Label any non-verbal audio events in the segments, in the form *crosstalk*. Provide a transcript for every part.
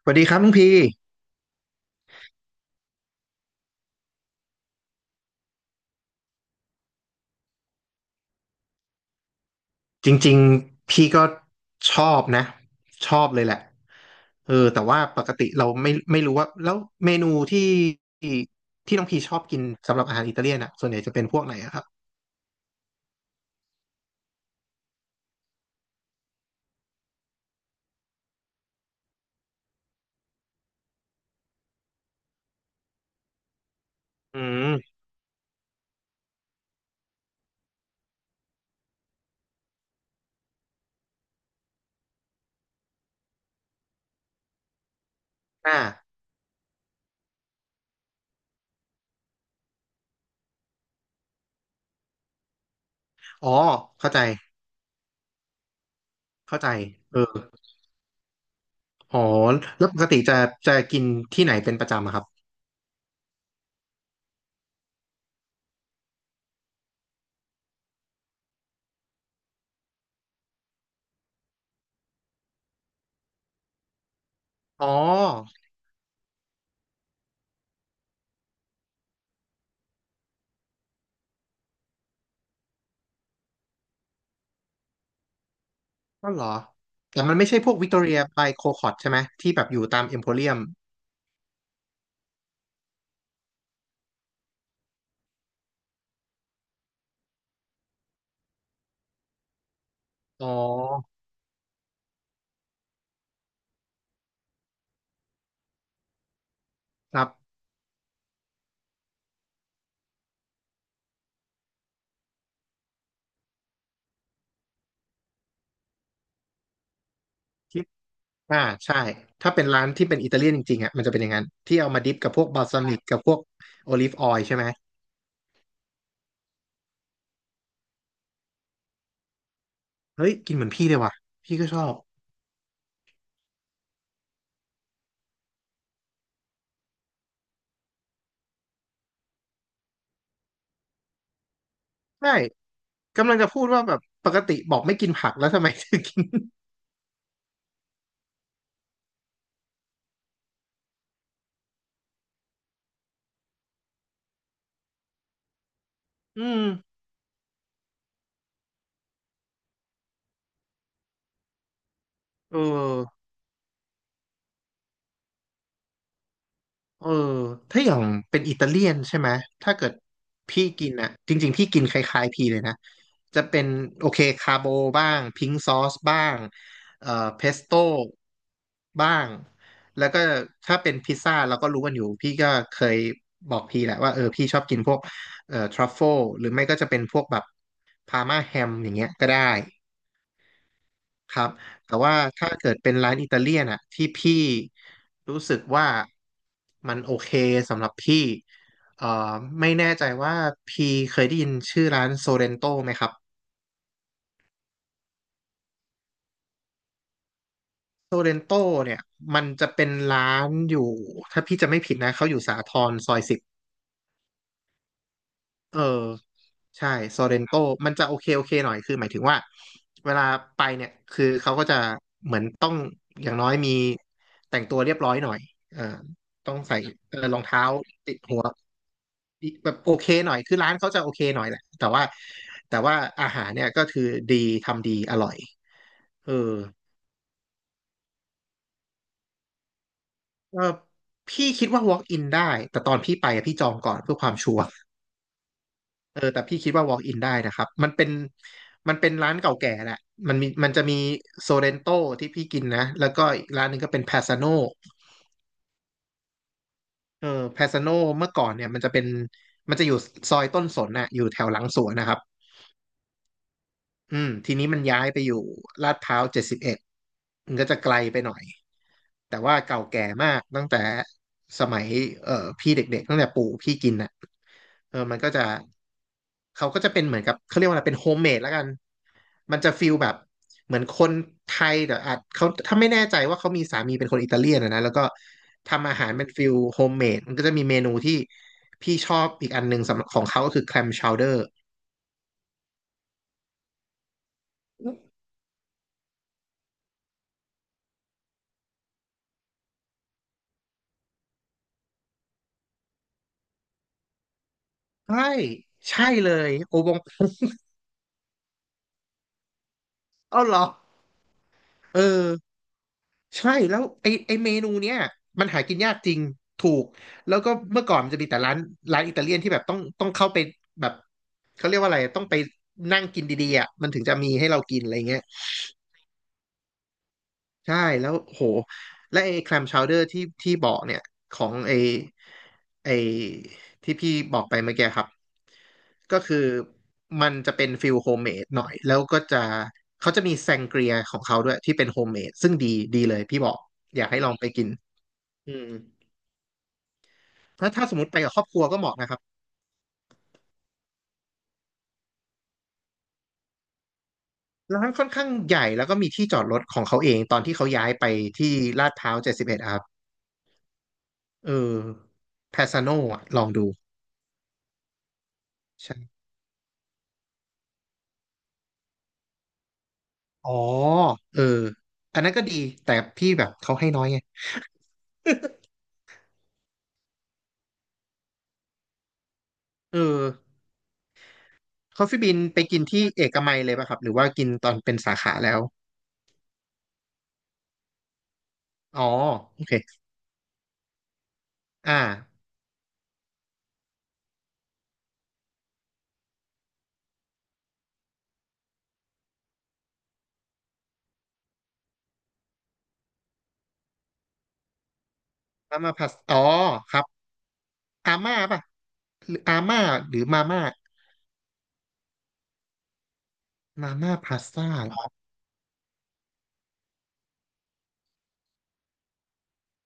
สวัสดีครับน้องพี่จริงๆพี่ก็ชอบนะชอบเลยแหละเออแต่ว่าปกติเราไม่รู้ว่าแล้วเมนูที่น้องพี่ชอบกินสำหรับอาหารอิตาเลียนอ่ะส่วนใหญ่จะเป็นพวกไหนอะครับอืมอ่าอ๋อเข้าใจเข้าใจเอออ๋อแล้วปกติจะจะกินที่ไหนเป็นประจำอะครับอ๋อก็เหรอแต่มันไม่ใช่พวกวิกตอเรียบายโคคอตใช่ไหมที่แบบอยู่ตามเอ็มโพเรียมอ๋อครับ อ่าใช่ ถ้าเป็นร้านที่เป็นอิตาเลียนจริงๆอ่ะมันจะเป็นอย่างนั้น ที่เอามาดิปกับพวกบาลซามิกกับพวกโอลิฟออยล์ใช่ไหม เฮ้ย กินเหมือนพี่เลยว่ะ พี่ก็ชอบใช่กำลังจะพูดว่าแบบปกติบอกไม่กินผักแล้วทำไมถึงกินอืมเออ เออถ้าอย่างเป็นอิตาเลียนใช่ไหมถ้าเกิดพี่กินอะจริงๆพี่กินคล้ายๆพี่เลยนะจะเป็นโอเคคาโบบ้างพิงซอสบ้างเอ่อเพสโต้บ้างแล้วก็ถ้าเป็นพิซซ่าเราก็รู้กันอยู่พี่ก็เคยบอกพี่แหละว่าเออพี่ชอบกินพวกทรัฟเฟิลหรือไม่ก็จะเป็นพวกแบบพาร์มาแฮมอย่างเงี้ยก็ได้ ครับแต่ว่าถ้าเกิดเป็นร้านอิตาเลียนอะที่พี่รู้สึกว่ามันโอเคสำหรับพี่เอ่อไม่แน่ใจว่าพี่เคยได้ยินชื่อร้านโซเรนโตไหมครับโซเรนโตเนี่ยมันจะเป็นร้านอยู่ถ้าพี่จะไม่ผิดนะเขาอยู่สาทรซอยสิบ เออใช่โซเรนโตมันจะโอเคโอเคหน่อยคือหมายถึงว่าเวลาไปเนี่ยคือเขาก็จะเหมือนต้องอย่างน้อยมีแต่งตัวเรียบร้อยหน่อยเออต้องใส่เออรองเท้าติดหัวแบบโอเคหน่อยคือร้านเขาจะโอเคหน่อยแหละแต่ว่าแต่ว่าอาหารเนี่ยก็คือดีทำดีอร่อยเออก็พี่คิดว่า walk in ได้แต่ตอนพี่ไปอะพี่จองก่อนเพื่อความชัวร์ เออแต่พี่คิดว่า walk in ได้นะครับมันเป็นมันเป็นร้านเก่าแก่แหละมันมีมันจะมีโซเรนโตที่พี่กินนะแล้วก็อีกร้านหนึ่งก็เป็น p พ s ซ a โนเออแพซาโนเมื่อก่อนเนี่ยมันจะเป็นมันจะอยู่ซอยต้นสนน่ะอยู่แถวหลังสวนนะครับอืมทีนี้มันย้ายไปอยู่ลาดพร้าวเจ็ดสิบเอ็ดมันก็จะไกลไปหน่อยแต่ว่าเก่าแก่มากตั้งแต่สมัยเอ่อพี่เด็กๆตั้งแต่ปู่พี่กินนะ เออมันก็จะเขาก็จะเป็นเหมือนกับเขาเรียกว่าอะไรเป็นโฮมเมดแล้วกัน มันจะฟิลแบบเหมือนคนไทยแต่อาจเขาถ้าไม่แน่ใจว่าเขามีสามีเป็นคนอิตาเลียนอะนะแล้วก็ทำอาหารเป็นฟิลโฮมเมดมันก็จะมีเมนูที่พี่ชอบอีกอันหนึ่งสำหรับของเขาก็คือแคลมชาวเดอร์ใช่ใช่เลยโอบงเอ้าเหรอเออ ใช่แล้วไอไอเมนูเนี้ยมันหากินยากจริงถูกแล้วก็เมื่อก่อนมันจะมีแต่ร้านร้านอิตาเลียนที่แบบต้องเข้าไปแบบเขาเรียกว่าอะไรต้องไปนั่งกินดีๆอ่ะมันถึงจะมีให้เรากินอะไรเงี้ยใช่แล้วโหและไอแคลมชาวเดอร์ที่ที่บอกเนี่ยของไอไอที่พี่บอกไปเมื่อกี้ครับก็คือมันจะเป็นฟิลโฮมเมดหน่อยแล้วก็จะเขาจะมีแซงเกรียของเขาด้วยที่เป็นโฮมเมดซึ่งดีดีเลยพี่บอกอยากให้ลองไปกิน อืมถ้าถ้าสมมติไปกับครอบครัวก็เหมาะนะครับร้านค่อนข้างใหญ่แล้วก็มีที่จอดรถของเขาเองตอนที่เขาย้ายไปที่ลาดพร้าวเจ็ดสิบเอ็ดครับเออแพสาโนอ่ะลองดูใช่อ๋อเอออันนั้นก็ดีแต่พี่แบบเขาให้น้อยไง *laughs* เออคอฟฟี่บินไปกินที่เอกมัยเลยป่ะครับหรือว่ากินตอนเป็นสาขาแล้วอ๋อโอเคอ่ามาม่าพาสอ๋อครับอาม่าป่ะหรืออาม่าหรือมาม่ามาม่าพาสต้า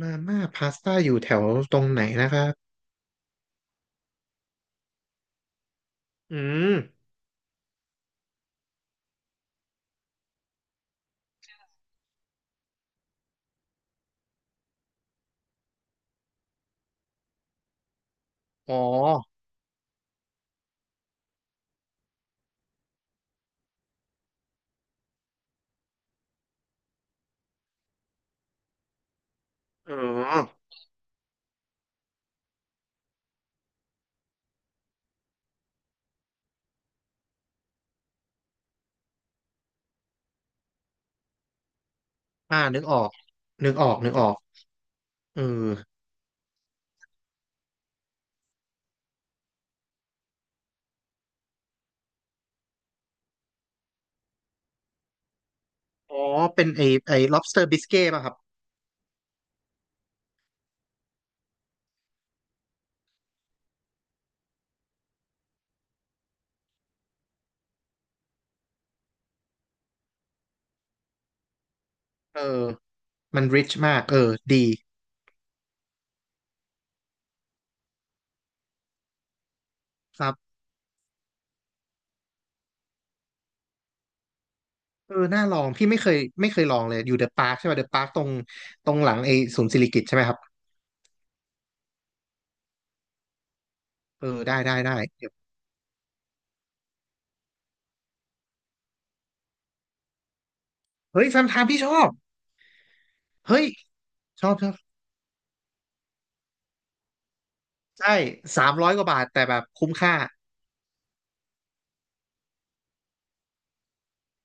มาม่าพาสต้าอยู่แถวตรงไหนนะครับอืมอ๋อเอออ่านึกออก นึกออก นึกออกเอออ๋อ เป็นไอไอ lobster biscuit ป่ะครับเออมัน rich มากเออดีครับเออน่าลอง พี่ไม่เคยไม่เคยลองเลย อยู่เดอะปาร์คใช่ป่ะเดอะปาร์คตรงหลังไอศูนย์สิริกิติ์ใช่ไหมครับเออได้ได้ได้เดี๋ยวเฮ้ยแฟมไทม์พี่ชอบเฮ้ยชอบชอบ ใช่ สามร้อยกว่าบาทแต่แบบคุ้มค่า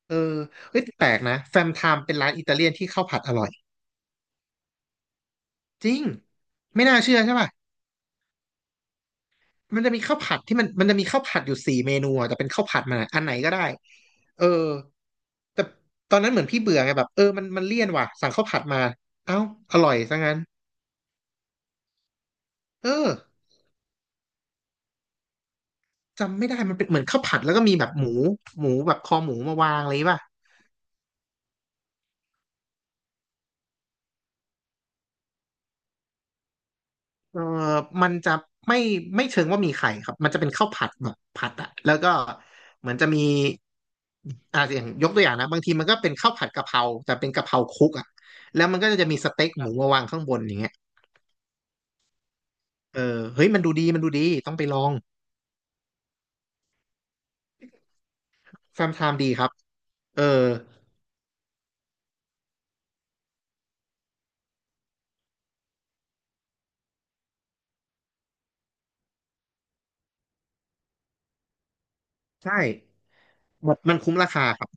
เออเฮ้ยแปลกนะแฟมไทม์เป็นร้านอิตาเลียนที่ข้าวผัดอร่อย จริงไม่น่าเชื่อใช่ป่ะมันจะมีข้าวผัดที่มันมันจะมีข้าวผัดอยู่4เมนูอะแต่เป็นข้าวผัดมันอะอันไหนก็ได้เออแต่ตอนนั้นเหมือนพี่เบื่อไงแบบเออมันเลี่ยนว่ะสั่งข้าวผัดมาเอ้าอร่อยซะงั้นเออจำไม่ได้มันเป็นเหมือนข้าวผัดแล้วก็มีแบบหมูหมูแบบคอหมูมาวางอะไรป่ะ เออมันจะไม่ไม่เชิงว่ามีไข่ครับ มันจะเป็นข้าวผัดแบบผัดอะแล้วก็เหมือนจะมีอ่าอย่างยกตัวอย่างนะบางทีมันก็เป็นข้าวผัดกะเพราแต่เป็นกะเพราคลุกอะแล้วมันก็จะมีสเต็กหมูมาวางข้างบนอย่างเงี้ยเออเฮ้ยมันดูดีมันดูดีต้องไปลองแฟมไทม์ดีครับเออใช่หมดมันคุ้มราคาครับ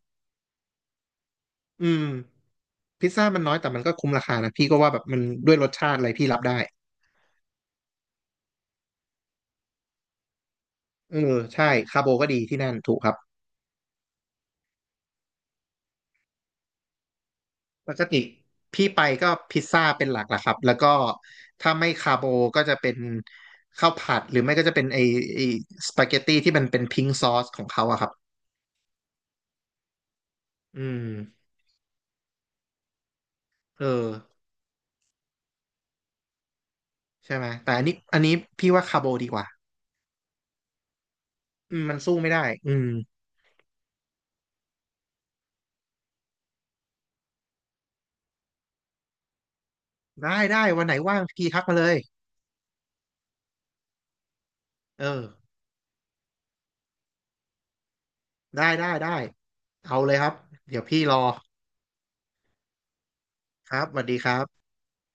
อืมพิซซ่ามันน้อยแต่มันก็คุ้มราคานะพี่ก็ว่าแบบมันด้วยรสชาติอะไรพี่รับได้เออใช่คาร์โบก็ดีที่นั่นถูกครับ ปกติพี่ไปก็พิซซ่าเป็นหลักละครับแล้วก็ถ้าไม่คาโบก็จะเป็นข้าวผัดหรือไม่ก็จะเป็นไอไอสปาเกตตี้ที่มันเป็นพิงซอสของเขาอะครับอืมเออใช่ไหมแต่อันนี้อันนี้พี่ว่าคาโบดีกว่าอืมมันสู้ไม่ได้อืมได้ได้วันไหนว่างพี่ทักมาเลยเออได้ได้ได้เอาเลยครับเดี๋ยวพี่รอครับสวัสดีครับ